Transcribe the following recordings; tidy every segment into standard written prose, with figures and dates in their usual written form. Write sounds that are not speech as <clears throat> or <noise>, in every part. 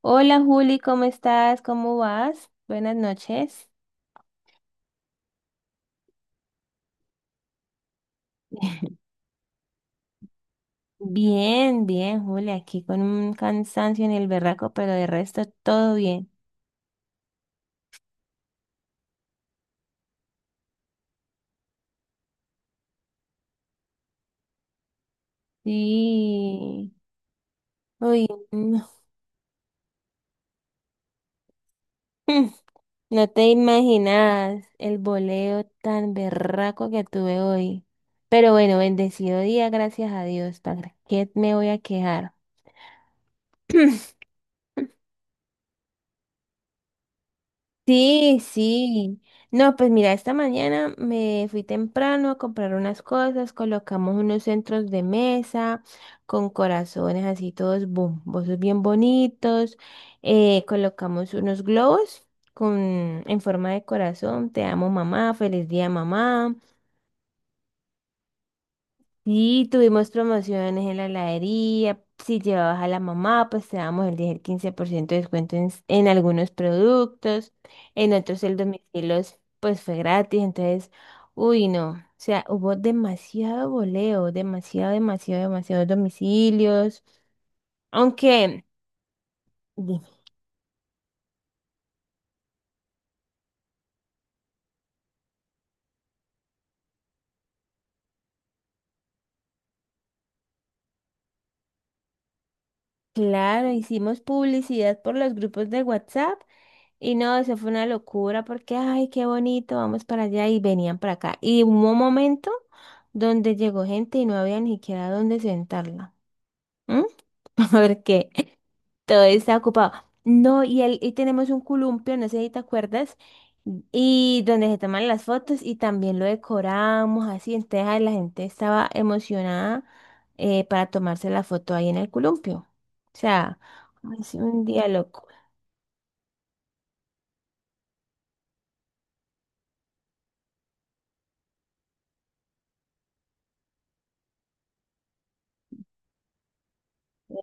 Hola Juli, ¿cómo estás? ¿Cómo vas? Buenas noches. <laughs> Bien, bien, Juli, aquí con un cansancio en el berraco, pero de resto todo bien. Sí. Uy, no, <laughs> no te imaginas el boleo tan berraco que tuve hoy. Pero bueno, bendecido día, gracias a Dios, ¿para qué me voy a quejar? <clears throat> Sí, sí. No, pues mira, esta mañana me fui temprano a comprar unas cosas, colocamos unos centros de mesa con corazones así todos bombosos bien bonitos, colocamos unos globos con, en forma de corazón, te amo mamá, feliz día mamá. Sí, tuvimos promociones en la heladería. Si llevabas a la mamá, pues te damos el 10 el 15% de descuento en, en algunos productos. En otros el domicilio, pues fue gratis. Entonces, uy, no. O sea, hubo demasiado voleo, demasiado, demasiado, demasiados domicilios. Aunque, di- claro, hicimos publicidad por los grupos de WhatsApp. Y no, eso fue una locura porque, ay, qué bonito, vamos para allá y venían para acá. Y hubo un momento donde llegó gente y no había ni siquiera dónde sentarla. ¿M? <laughs> Porque todo está ocupado. No, y, el, y tenemos un columpio, no sé si te acuerdas, y donde se toman las fotos y también lo decoramos así. Entonces ay, la gente estaba emocionada para tomarse la foto ahí en el columpio. O sea, es un día loco.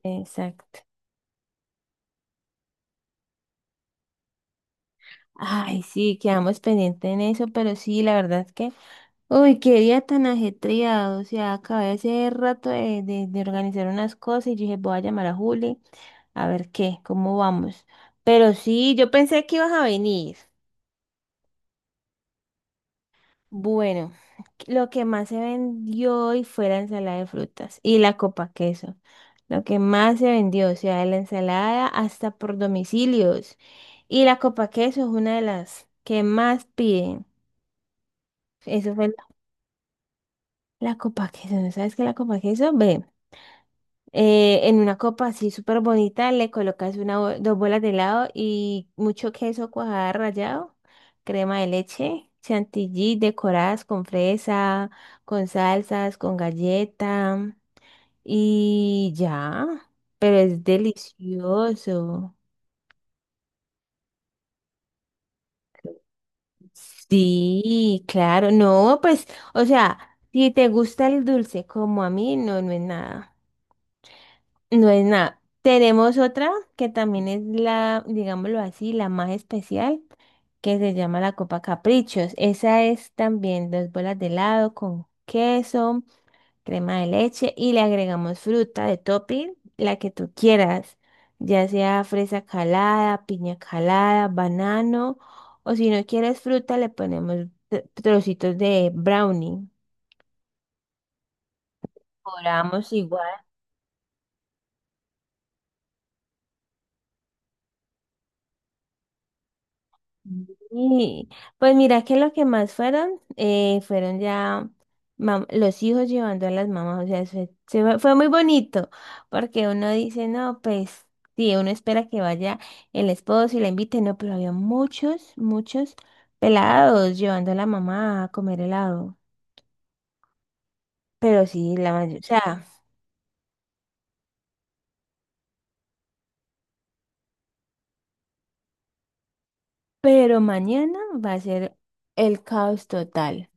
Exacto. Ay, sí, quedamos pendientes en eso, pero sí, la verdad es que, uy, qué día tan ajetreado, o sea, acabé hace rato de, de organizar unas cosas y yo dije, voy a llamar a Juli a ver qué, cómo vamos. Pero sí, yo pensé que ibas a venir. Bueno, lo que más se vendió hoy fue la ensalada de frutas y la copa queso. Lo que más se vendió, o sea, la ensalada hasta por domicilios. Y la copa queso es una de las que más piden. Eso fue. La copa queso, ¿no sabes qué es la copa queso? Ve, en una copa así súper bonita le colocas una, dos bolas de helado y mucho queso cuajada rallado, crema de leche, chantilly decoradas con fresa, con salsas, con galleta y ya. Pero es delicioso. Sí, claro. No, pues, o sea, si te gusta el dulce como a mí, no, no es nada. No es nada. Tenemos otra que también es la, digámoslo así, la más especial, que se llama la Copa Caprichos. Esa es también dos bolas de helado con queso, crema de leche y le agregamos fruta de topping, la que tú quieras, ya sea fresa calada, piña calada, banano, o si no quieres fruta, le ponemos trocitos de brownie. Cobramos igual. Sí, pues mira que lo que más fueron, fueron ya los hijos llevando a las mamás, o sea, se fue, fue muy bonito, porque uno dice, no, pues sí, uno espera que vaya el esposo y la invite, no, pero había muchos, muchos pelados llevando a la mamá a comer helado, pero sí, la mayoría, o sea, pero mañana va a ser el caos total,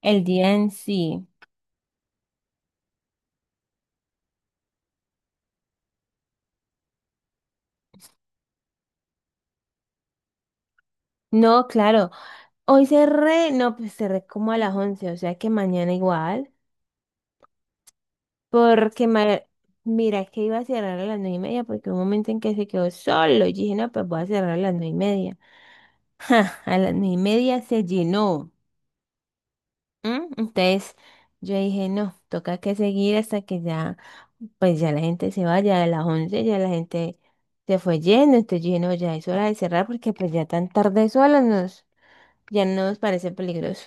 el día en sí. No, claro. Hoy cerré, no, pues cerré como a las 11 o sea que mañana igual, porque mira que iba a cerrar a las 9 y media, porque hubo un momento en que se quedó solo, y dije, no, pues voy a cerrar a las 9 y media. <laughs> Ja, a las 9 y media se llenó. ¿M? Entonces yo dije, no, toca que seguir hasta que ya, pues ya la gente se vaya, a las 11 ya la gente se fue lleno entonces yo dije, no, ya es hora de cerrar, porque pues ya tan tarde solos nos, ya nos parece peligroso.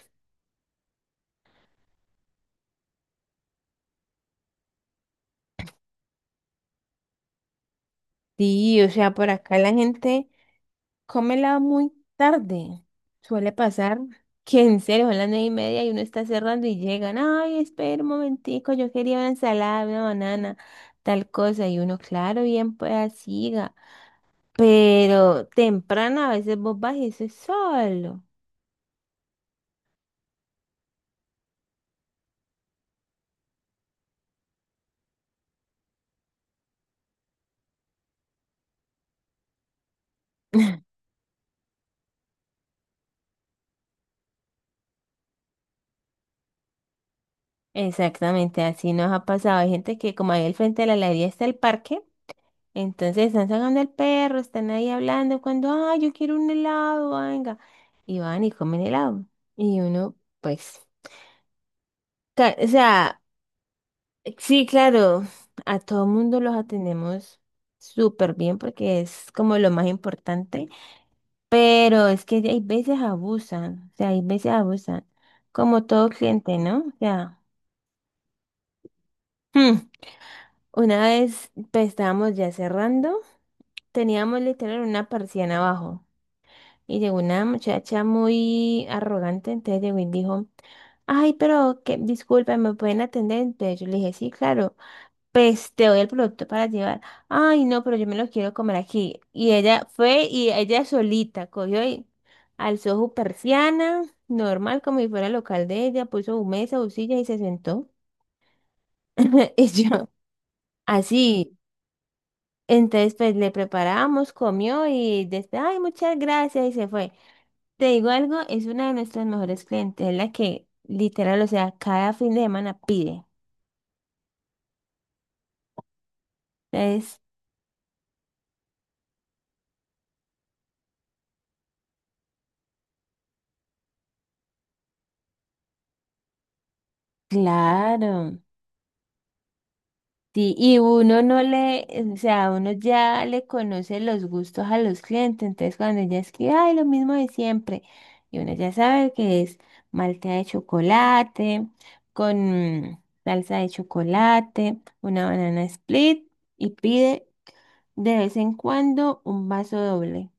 Sí, o sea, por acá la gente cómela muy tarde. Suele pasar que en serio, son las nueve y media y uno está cerrando y llegan, ay, espera un momentico, yo quería una ensalada, una banana, tal cosa. Y uno, claro, bien, pues siga. Pero temprano a veces vos vas y eso es solo. <laughs> Exactamente, así nos ha pasado. Hay gente que como ahí al frente de la heladería está el parque, entonces están sacando el perro, están ahí hablando cuando, ay, yo quiero un helado, venga. Y van y comen helado. Y uno, pues, o sea, sí, claro, a todo mundo los atendemos súper bien porque es como lo más importante, pero es que hay veces abusan, o sea, hay veces abusan, como todo cliente, ¿no? O sea, hmm, una vez pues, estábamos ya cerrando, teníamos literal una persiana abajo y llegó una muchacha muy arrogante, entonces llegó y dijo, ay, pero que disculpen, ¿me pueden atender? Entonces yo le dije, sí, claro, pues te doy el producto para llevar. Ay, no, pero yo me lo quiero comer aquí. Y ella fue y ella solita cogió y alzó su persiana, normal como si fuera el local de ella, puso su mesa, su silla y se sentó. <laughs> Y yo, así. Entonces, pues le preparamos, comió y después, ay, muchas gracias y se fue. Te digo algo, es una de nuestras mejores clientes, es la que literal, o sea, cada fin de semana pide. Entonces, claro. Sí, y uno no le, o sea, uno ya le conoce los gustos a los clientes, entonces cuando ella escribe, ay, lo mismo de siempre, y uno ya sabe que es malteada de chocolate, con salsa de chocolate, una banana split, y pide de vez en cuando un vaso doble.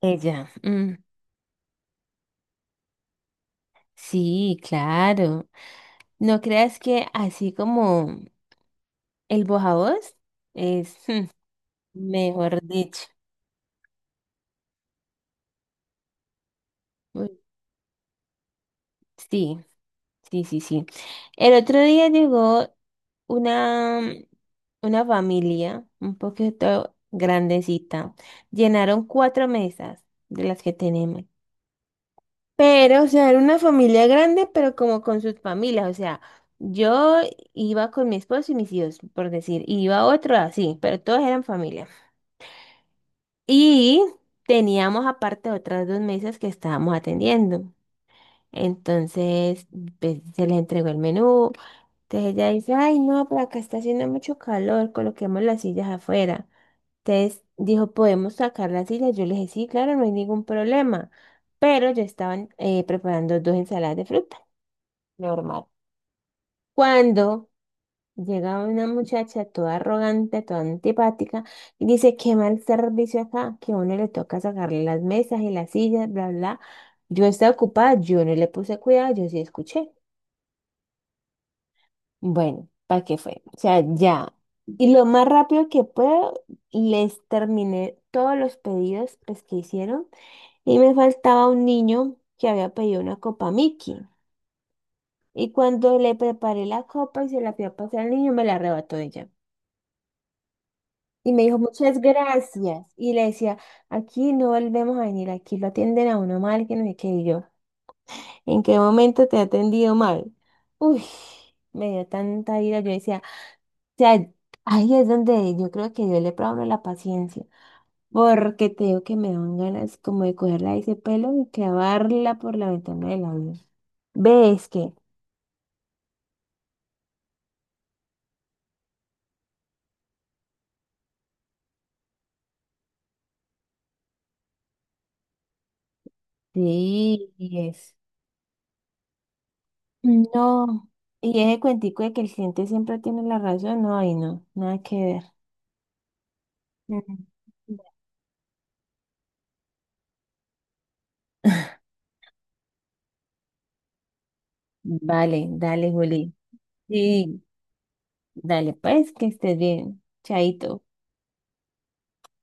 Ella, "Mm, sí, claro. No creas que así como el bojavoz es". <laughs> Mm, mejor dicho. Sí, sí, sí, sí. El otro día llegó una, una familia un poquito grandecita. Llenaron cuatro mesas de las que tenemos. Pero, o sea, era una familia grande, pero como con sus familias. O sea, yo iba con mi esposo y mis hijos, por decir, y iba otro así, pero todos eran familia. Y teníamos aparte otras dos mesas que estábamos atendiendo. Entonces, pues, se les entregó el menú. Entonces ella dice, ay, no, pero acá está haciendo mucho calor, coloquemos las sillas afuera. Entonces dijo, ¿podemos sacar las sillas? Yo le dije, sí, claro, no hay ningún problema. Pero ya estaban preparando dos ensaladas de fruta, normal. Cuando llega una muchacha toda arrogante, toda antipática, y dice, qué mal servicio acá, que a uno le toca sacarle las mesas y las sillas, bla, bla. Yo estaba ocupada, yo no le puse cuidado, yo sí escuché. Bueno, ¿para qué fue? O sea, ya. Y lo más rápido que puedo, les terminé todos los pedidos pues, que hicieron. Y me faltaba un niño que había pedido una copa Mickey. Y cuando le preparé la copa y se la fui a pasar al niño, me la arrebató ella. Y me dijo, muchas gracias. Y le decía, aquí no volvemos a venir, aquí lo atienden a uno mal, que no sé qué. Y yo, ¿en qué momento te he atendido mal? Uy, me dio tanta ira. Yo decía, sea, ahí es donde yo creo que yo le pruebo a uno la paciencia, porque te digo que me dan ganas como de cogerla de ese pelo y clavarla por la ventana del avión. ¿Ves que? Sí, y es. No. Y ese cuentico de que el cliente siempre tiene la razón, no, ahí no, nada que ver. Mm. Vale, dale, Juli. Sí, dale, pues, que estés bien. Chaito.